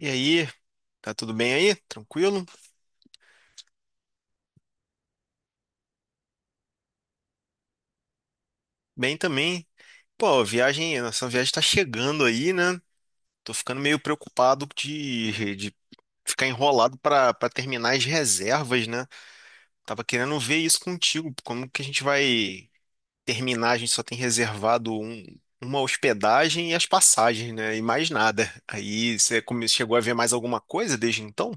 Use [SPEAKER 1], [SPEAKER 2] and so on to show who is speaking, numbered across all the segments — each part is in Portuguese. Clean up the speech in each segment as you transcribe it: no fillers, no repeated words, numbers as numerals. [SPEAKER 1] E aí, tá tudo bem aí? Tranquilo? Bem também. Pô, a viagem, a nossa viagem tá chegando aí, né? Tô ficando meio preocupado de ficar enrolado pra para terminar as reservas, né? Tava querendo ver isso contigo, como que a gente vai terminar? A gente só tem reservado uma hospedagem e as passagens, né? E mais nada. Aí você chegou a ver mais alguma coisa desde então?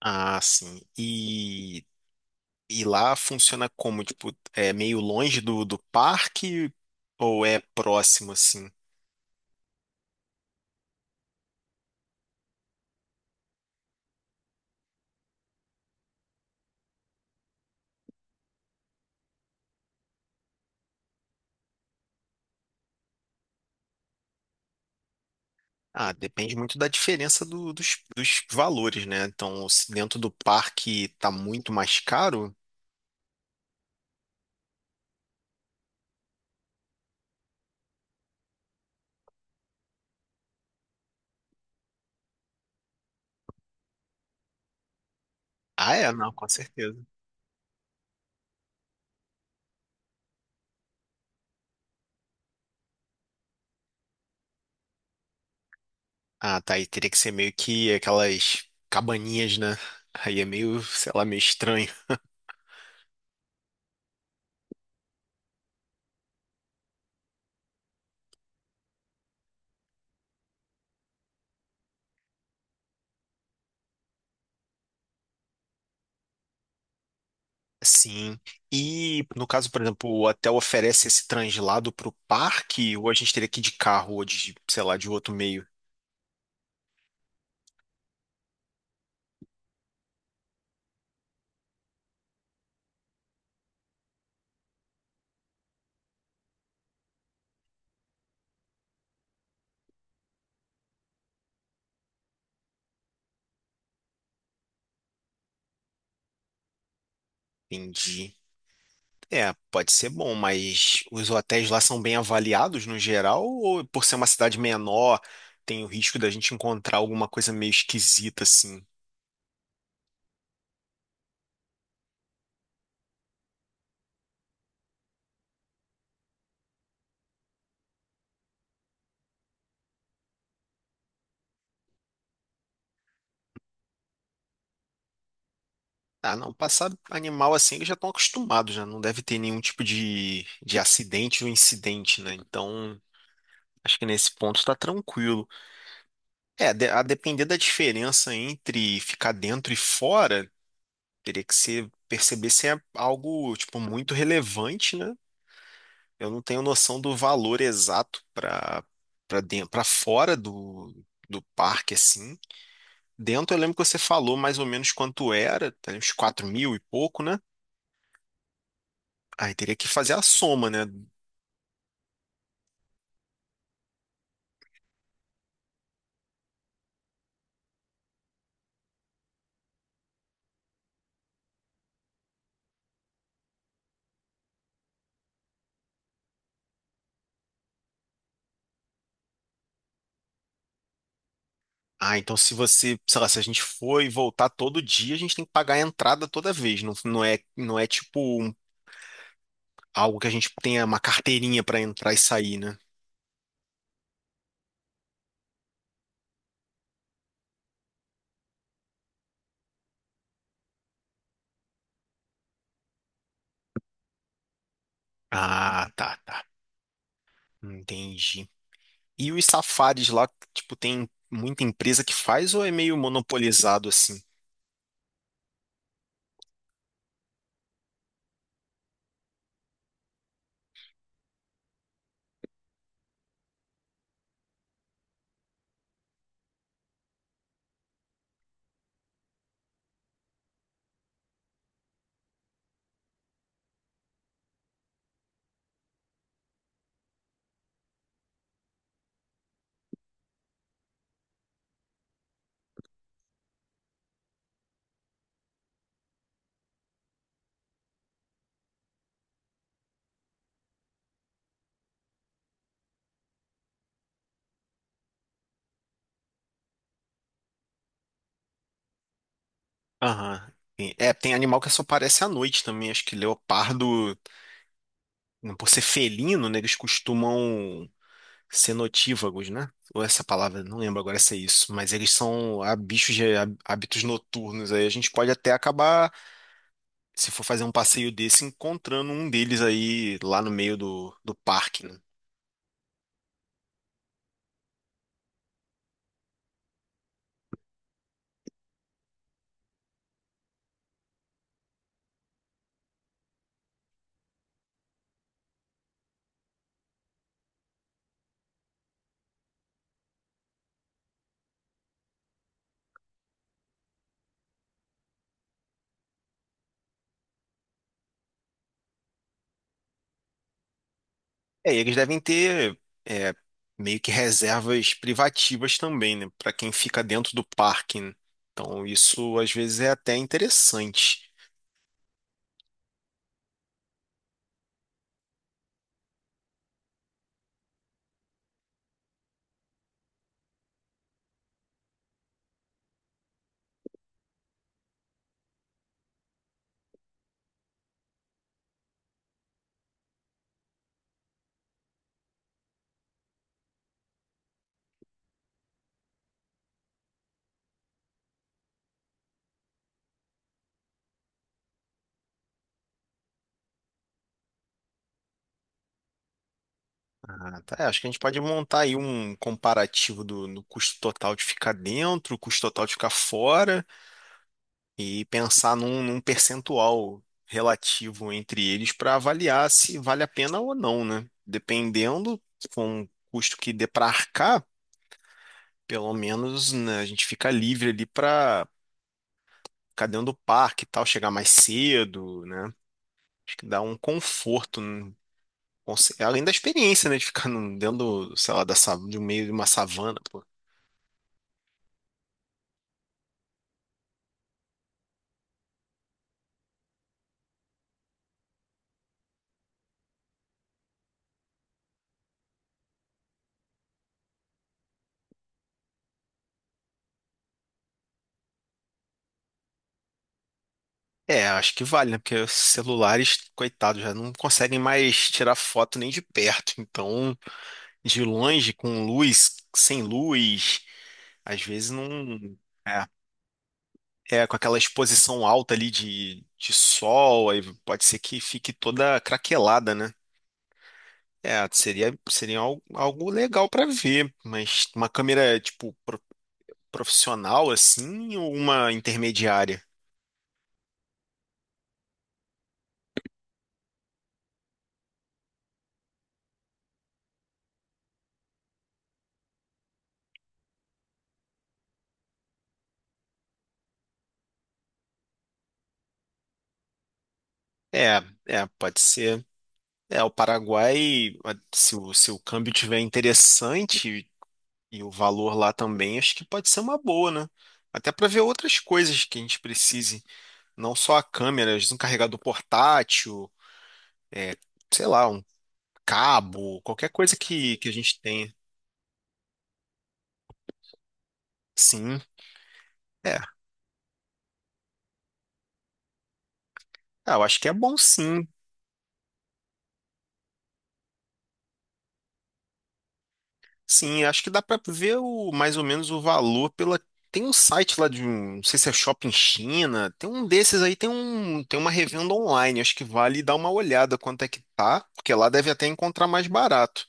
[SPEAKER 1] Ah, sim. E lá funciona como? Tipo, é meio longe do parque ou é próximo assim? Ah, depende muito da diferença dos valores, né? Então, se dentro do parque tá muito mais caro. Ah, é, não, com certeza. Ah, tá. Aí teria que ser meio que aquelas cabaninhas, né? Aí é meio, sei lá, meio estranho. Sim. E no caso, por exemplo, o hotel oferece esse translado para o parque, ou a gente teria que ir de carro ou de, sei lá, de outro meio? Entendi. É, pode ser bom, mas os hotéis lá são bem avaliados no geral, ou por ser uma cidade menor, tem o risco da gente encontrar alguma coisa meio esquisita assim? Ah, não, passar animal assim, eles já estão acostumados, já não deve ter nenhum tipo de acidente ou incidente, né? Então, acho que nesse ponto tá tranquilo. É, a depender da diferença entre ficar dentro e fora, teria que ser, perceber se é algo, tipo, muito relevante, né? Eu não tenho noção do valor exato para dentro, para fora do parque, assim. Dentro, eu lembro que você falou mais ou menos quanto era, tá, uns 4 mil e pouco, né? Aí teria que fazer a soma, né? Ah, então se você, sei lá, se a gente for e voltar todo dia, a gente tem que pagar a entrada toda vez. Não, não é tipo algo que a gente tenha uma carteirinha pra entrar e sair, né? Ah, tá, tá. Entendi. E os safaris lá, tipo, tem muita empresa que faz ou é meio monopolizado assim? Aham. É, tem animal que só aparece à noite também. Acho que leopardo, por ser felino, né? Eles costumam cenotívagos, né? Ou essa palavra, não lembro agora se é isso, mas eles são bichos de hábitos noturnos. Aí a gente pode até acabar, se for fazer um passeio desse, encontrando um deles aí lá no meio do parque, né? É, eles devem ter é, meio que reservas privativas também, né? Para quem fica dentro do parque, né? Então isso às vezes é até interessante. Ah, tá. É, acho que a gente pode montar aí um comparativo do custo total de ficar dentro, o custo total de ficar fora. E pensar num percentual relativo entre eles para avaliar se vale a pena ou não, né? Dependendo, se for um custo que dê para arcar, pelo menos, né, a gente fica livre ali para ficar dentro do parque e tal, chegar mais cedo, né? Acho que dá um conforto, né? Além da experiência, né, de ficar dentro, do, sei lá, do meio de uma savana, pô. É, acho que vale, né? Porque os celulares, coitados, já não conseguem mais tirar foto nem de perto. Então, de longe, com luz, sem luz, às vezes não. É, é com aquela exposição alta ali de sol, aí pode ser que fique toda craquelada, né? É, seria algo legal para ver, mas uma câmera, tipo, profissional assim, ou uma intermediária? É, pode ser. É, o Paraguai, se o câmbio tiver interessante. E o valor lá também acho que pode ser uma boa, né? Até para ver outras coisas que a gente precise, não só a câmera, às vezes um carregador portátil, é, sei lá, um cabo, que a gente tenha. Sim, é. Ah, eu acho que é bom sim. Sim, acho que dá para ver o, mais ou menos o valor pela. Tem um site lá de um, não sei se é Shopping China, tem um desses aí, tem uma revenda online, acho que vale dar uma olhada quanto é que tá, porque lá deve até encontrar mais barato.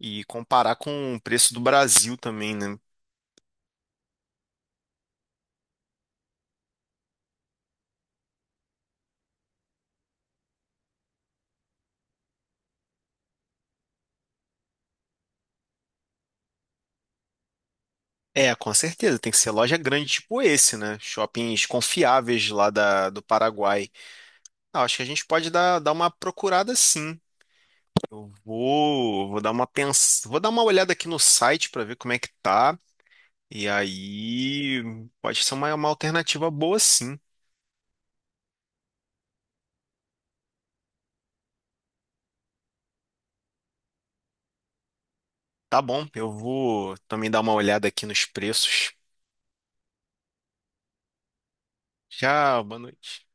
[SPEAKER 1] E comparar com o preço do Brasil também, né? É, com certeza, tem que ser loja grande tipo esse, né? Shoppings confiáveis lá do Paraguai. Ah, acho que a gente pode dar uma procurada sim. Vou dar uma vou dar uma olhada aqui no site para ver como é que tá. E aí pode ser uma alternativa boa sim. Tá bom, eu vou também dar uma olhada aqui nos preços. Tchau, boa noite.